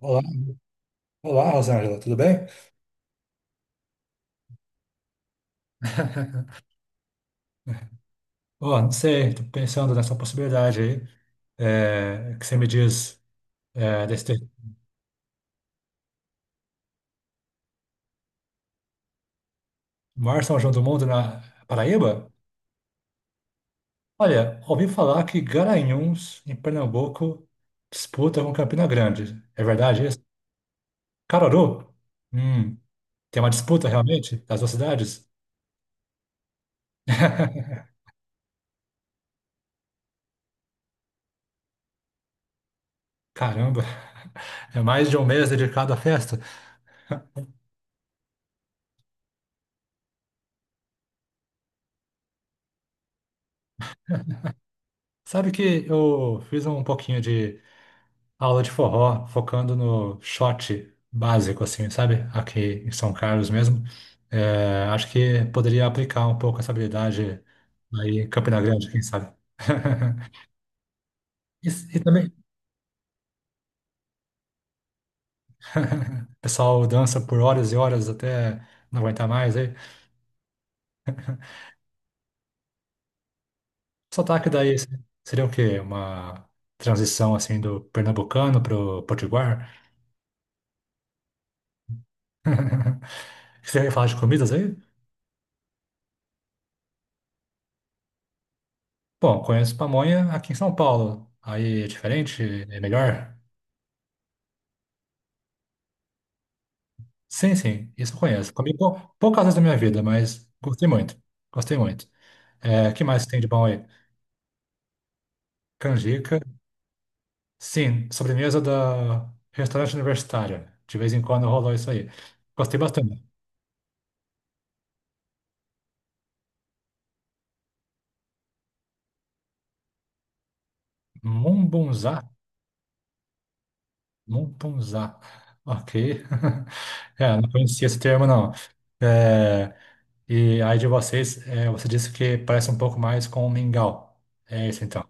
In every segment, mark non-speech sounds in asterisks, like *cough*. Olá, olá, Rosângela, tudo bem? *laughs* Ó, não sei, tô pensando nessa possibilidade aí, que você me diz, é, desse ter- maior São João do mundo na Paraíba. Olha, ouvi falar que Garanhuns, em Pernambuco, disputa com Campina Grande. É verdade isso? Caruaru? Hum, tem uma disputa realmente das duas cidades? *laughs* Caramba, é mais de um mês dedicado à festa. *laughs* Sabe que eu fiz um pouquinho de aula de forró, focando no shot básico, assim, sabe? Aqui em São Carlos mesmo. É, acho que poderia aplicar um pouco essa habilidade aí em Campina Grande, quem sabe? *laughs* E, e também, *laughs* o pessoal dança por horas e horas até não aguentar mais aí. Sotaque daí seria o quê? Uma transição assim do pernambucano pro potiguar? *laughs* Você ia falar de comidas aí? Bom, conheço pamonha aqui em São Paulo. Aí é diferente? É melhor? Sim, sim, isso eu conheço. Comi poucas vezes da minha vida, mas gostei muito. Gostei muito. É, que mais tem de bom aí? Canjica. Sim, sobremesa da restaurante universitário. De vez em quando rolou isso aí. Gostei bastante. Mumbunzá? Mumbunzá. Ok. *laughs* É, não conhecia esse termo, não. É, e aí de vocês, você disse que parece um pouco mais com mingau. É isso, então.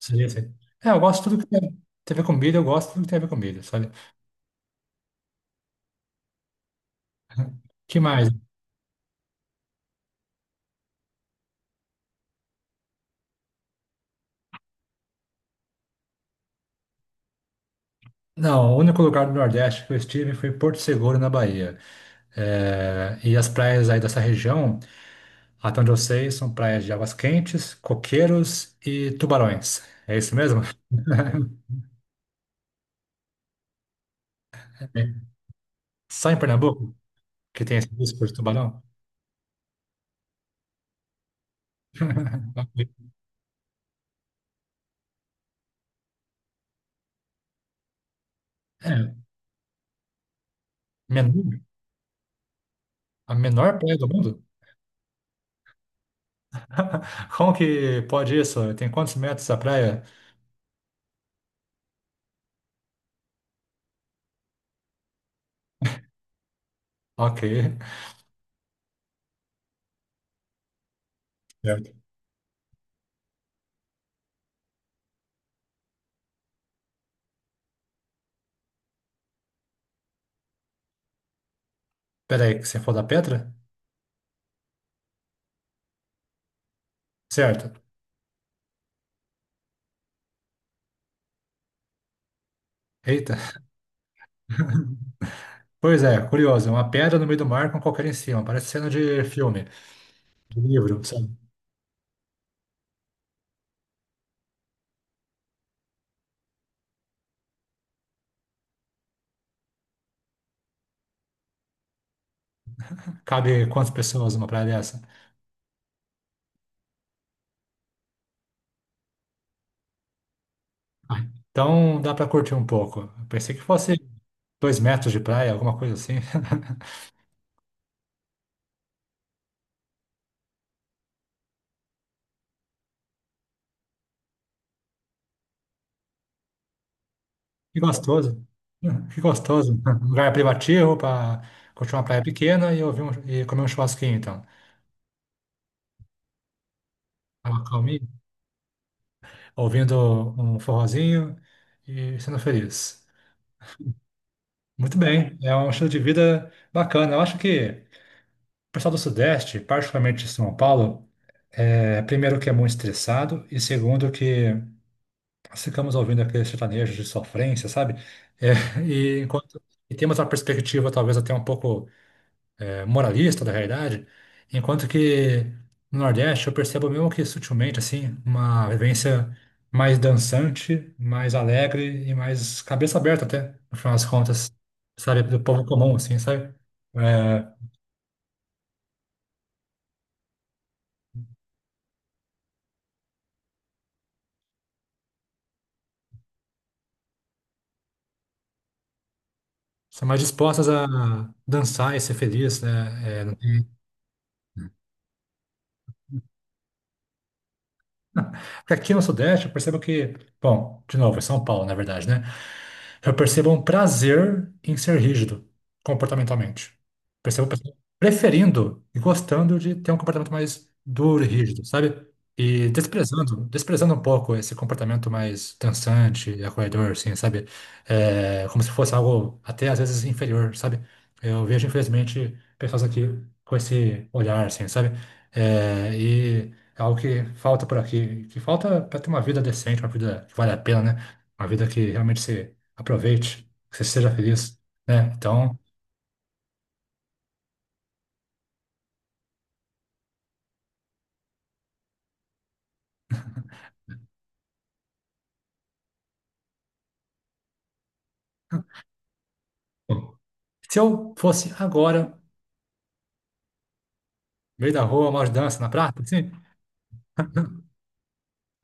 Seria isso. É, eu gosto de tudo que tem a ver com comida, eu gosto de tudo que tem a ver com comida, sabe? Que mais? Não, o único lugar do Nordeste que eu estive foi Porto Seguro, na Bahia. É, e as praias aí dessa região, até onde eu sei, são praias de águas quentes, coqueiros e tubarões. É isso mesmo? É. Só em Pernambuco que tem esse risco de tubarão? *laughs* É, menor, a menor praia do mundo? *laughs* Como que pode isso? Tem quantos metros a praia? Ok. Certo. Peraí, que você for da Petra? Certo. Eita. Pois é, curioso. É uma pedra no meio do mar com qualquer em cima. Parece cena de filme, de livro, sabe? Cabe quantas pessoas numa praia dessa? Ah, então dá para curtir um pouco. Eu pensei que fosse dois metros de praia, alguma coisa assim. *laughs* Que gostoso. Que gostoso. Um lugar privativo para curtir uma praia pequena e, e comer um churrasquinho, então. Tava calminho, ouvindo um forrozinho e sendo feliz. Muito bem, é um estilo de vida bacana. Eu acho que o pessoal do Sudeste, particularmente de São Paulo, primeiro que é muito estressado e segundo que nós ficamos ouvindo aquele sertanejo de sofrência, sabe? É, *laughs* e enquanto e temos uma perspectiva talvez até um pouco moralista da realidade, enquanto que no Nordeste eu percebo mesmo que sutilmente assim uma vivência mais dançante, mais alegre e mais cabeça aberta até, no final das contas, sabe, do povo comum assim, sabe? É, são mais dispostas a dançar e ser feliz, né? Porque aqui no Sudeste eu percebo que, bom, de novo, é São Paulo, na verdade, né? Eu percebo um prazer em ser rígido comportamentalmente. Percebo pessoas preferindo e gostando de ter um comportamento mais duro e rígido, sabe? E desprezando, desprezando um pouco esse comportamento mais dançante e acolhedor, assim, sabe? É, como se fosse algo até às vezes inferior, sabe? Eu vejo, infelizmente, pessoas aqui com esse olhar, assim, sabe? É, e é algo que falta por aqui, que falta para ter uma vida decente, uma vida que vale a pena, né? Uma vida que realmente você aproveite, que você seja feliz, né? Então, bom, se eu fosse agora, no meio da rua, uma dança na praça, assim,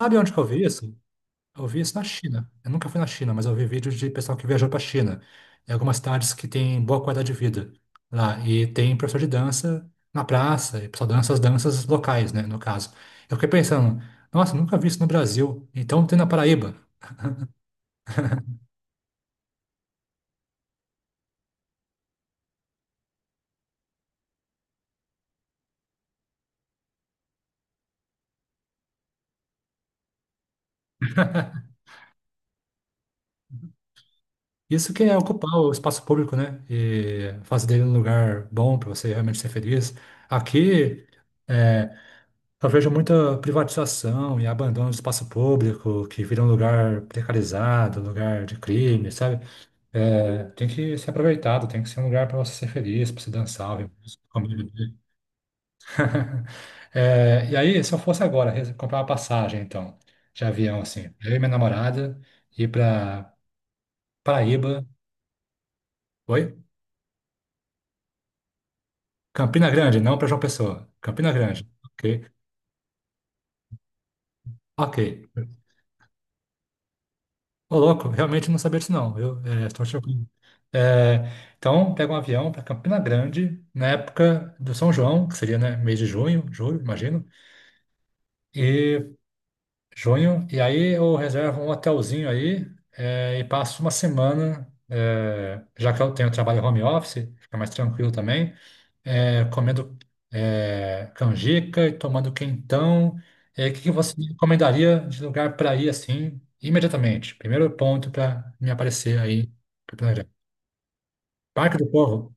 sabe onde que eu vi isso? Eu vi isso na China. Eu nunca fui na China, mas eu vi vídeos de pessoal que viajou para a China, em algumas cidades que têm boa qualidade de vida lá, e tem professor de dança na praça, e pessoal dança as danças locais, né? No caso. Eu fiquei pensando, nossa, nunca vi isso no Brasil. Então tem na Paraíba. Isso que é ocupar o espaço público, né? E fazer dele um lugar bom para você realmente ser feliz. Aqui, é, eu vejo muita privatização e abandono do espaço público, que vira um lugar precarizado, um lugar de crime, sabe? É, tem que ser aproveitado, tem que ser um lugar para você ser feliz, para você dançar, ouvir música, comer, beber. *laughs* É, e aí, se eu fosse agora comprar uma passagem, então, de avião, assim, eu e minha namorada, ir para Paraíba. Oi? Campina Grande, não para João Pessoa. Campina Grande. Ok. Ok. Ô, louco, realmente não sabia disso, não. Eu estou chocado. É, então, pega um avião para Campina Grande, na época do São João, que seria, né, mês de junho, julho, imagino. E junho, e aí eu reservo um hotelzinho aí e passo uma semana, já que eu tenho trabalho home office, fica mais tranquilo também. Comendo canjica e tomando quentão. É, o que que você me recomendaria de lugar para ir assim, imediatamente? Primeiro ponto para me aparecer aí pra planejar. Parque do Povo,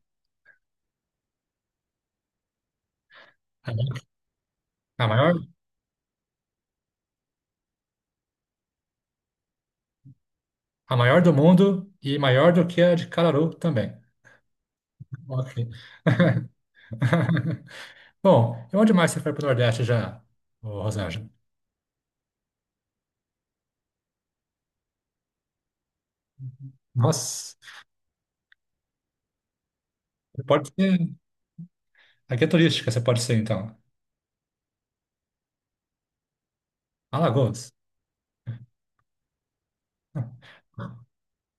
a ma- a maior, a maior do mundo e maior do que a de Cararu também. Ok. *laughs* Bom, e onde mais você foi para o Nordeste já, ô Rosângela? Nossa, você pode ser. Aqui é turística, você pode ser então. Alagoas,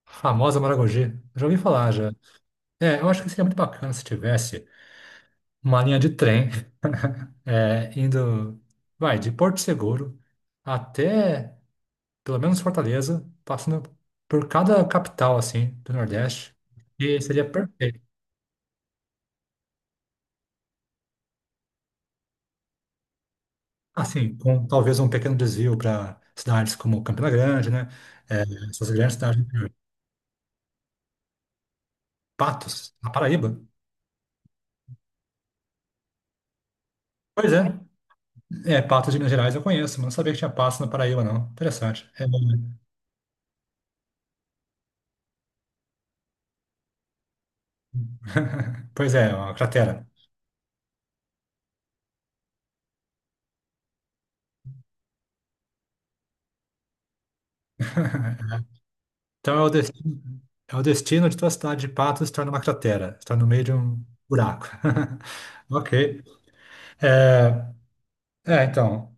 famosa Maragogi. Já ouvi falar já. É, eu acho que seria muito bacana se tivesse uma linha de trem *laughs* indo, vai, de Porto Seguro até pelo menos Fortaleza, passando por cada capital, assim, do Nordeste, e seria perfeito. Assim, com talvez um pequeno desvio para cidades como Campina Grande, né? É, essas grandes cidades, do interior. Patos, na Paraíba. Pois é, Patos de Minas Gerais eu conheço, mas não sabia que tinha Patos na Paraíba, não. Interessante. É, *laughs* pois é, uma cratera. *laughs* Então é o destino de tua cidade de Patos estar numa cratera, estar no meio de um buraco. *laughs* Ok. É, é, então,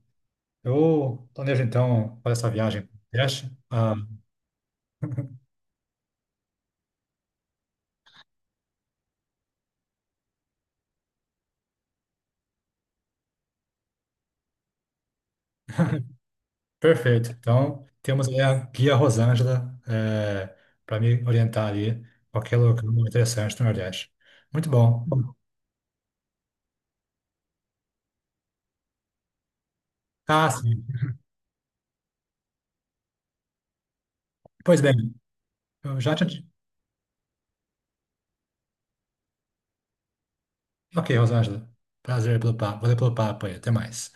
eu planejo então fazer essa viagem para o Nordeste. Ah, perfeito. Então, temos aí a guia Rosângela para me orientar ali qualquer lugar interessante no Nordeste. Muito bom. Ah, sim. Pois bem, eu já te... Ok, Rosângela. Prazer pelo papo. Valeu pelo papo aí. Até mais.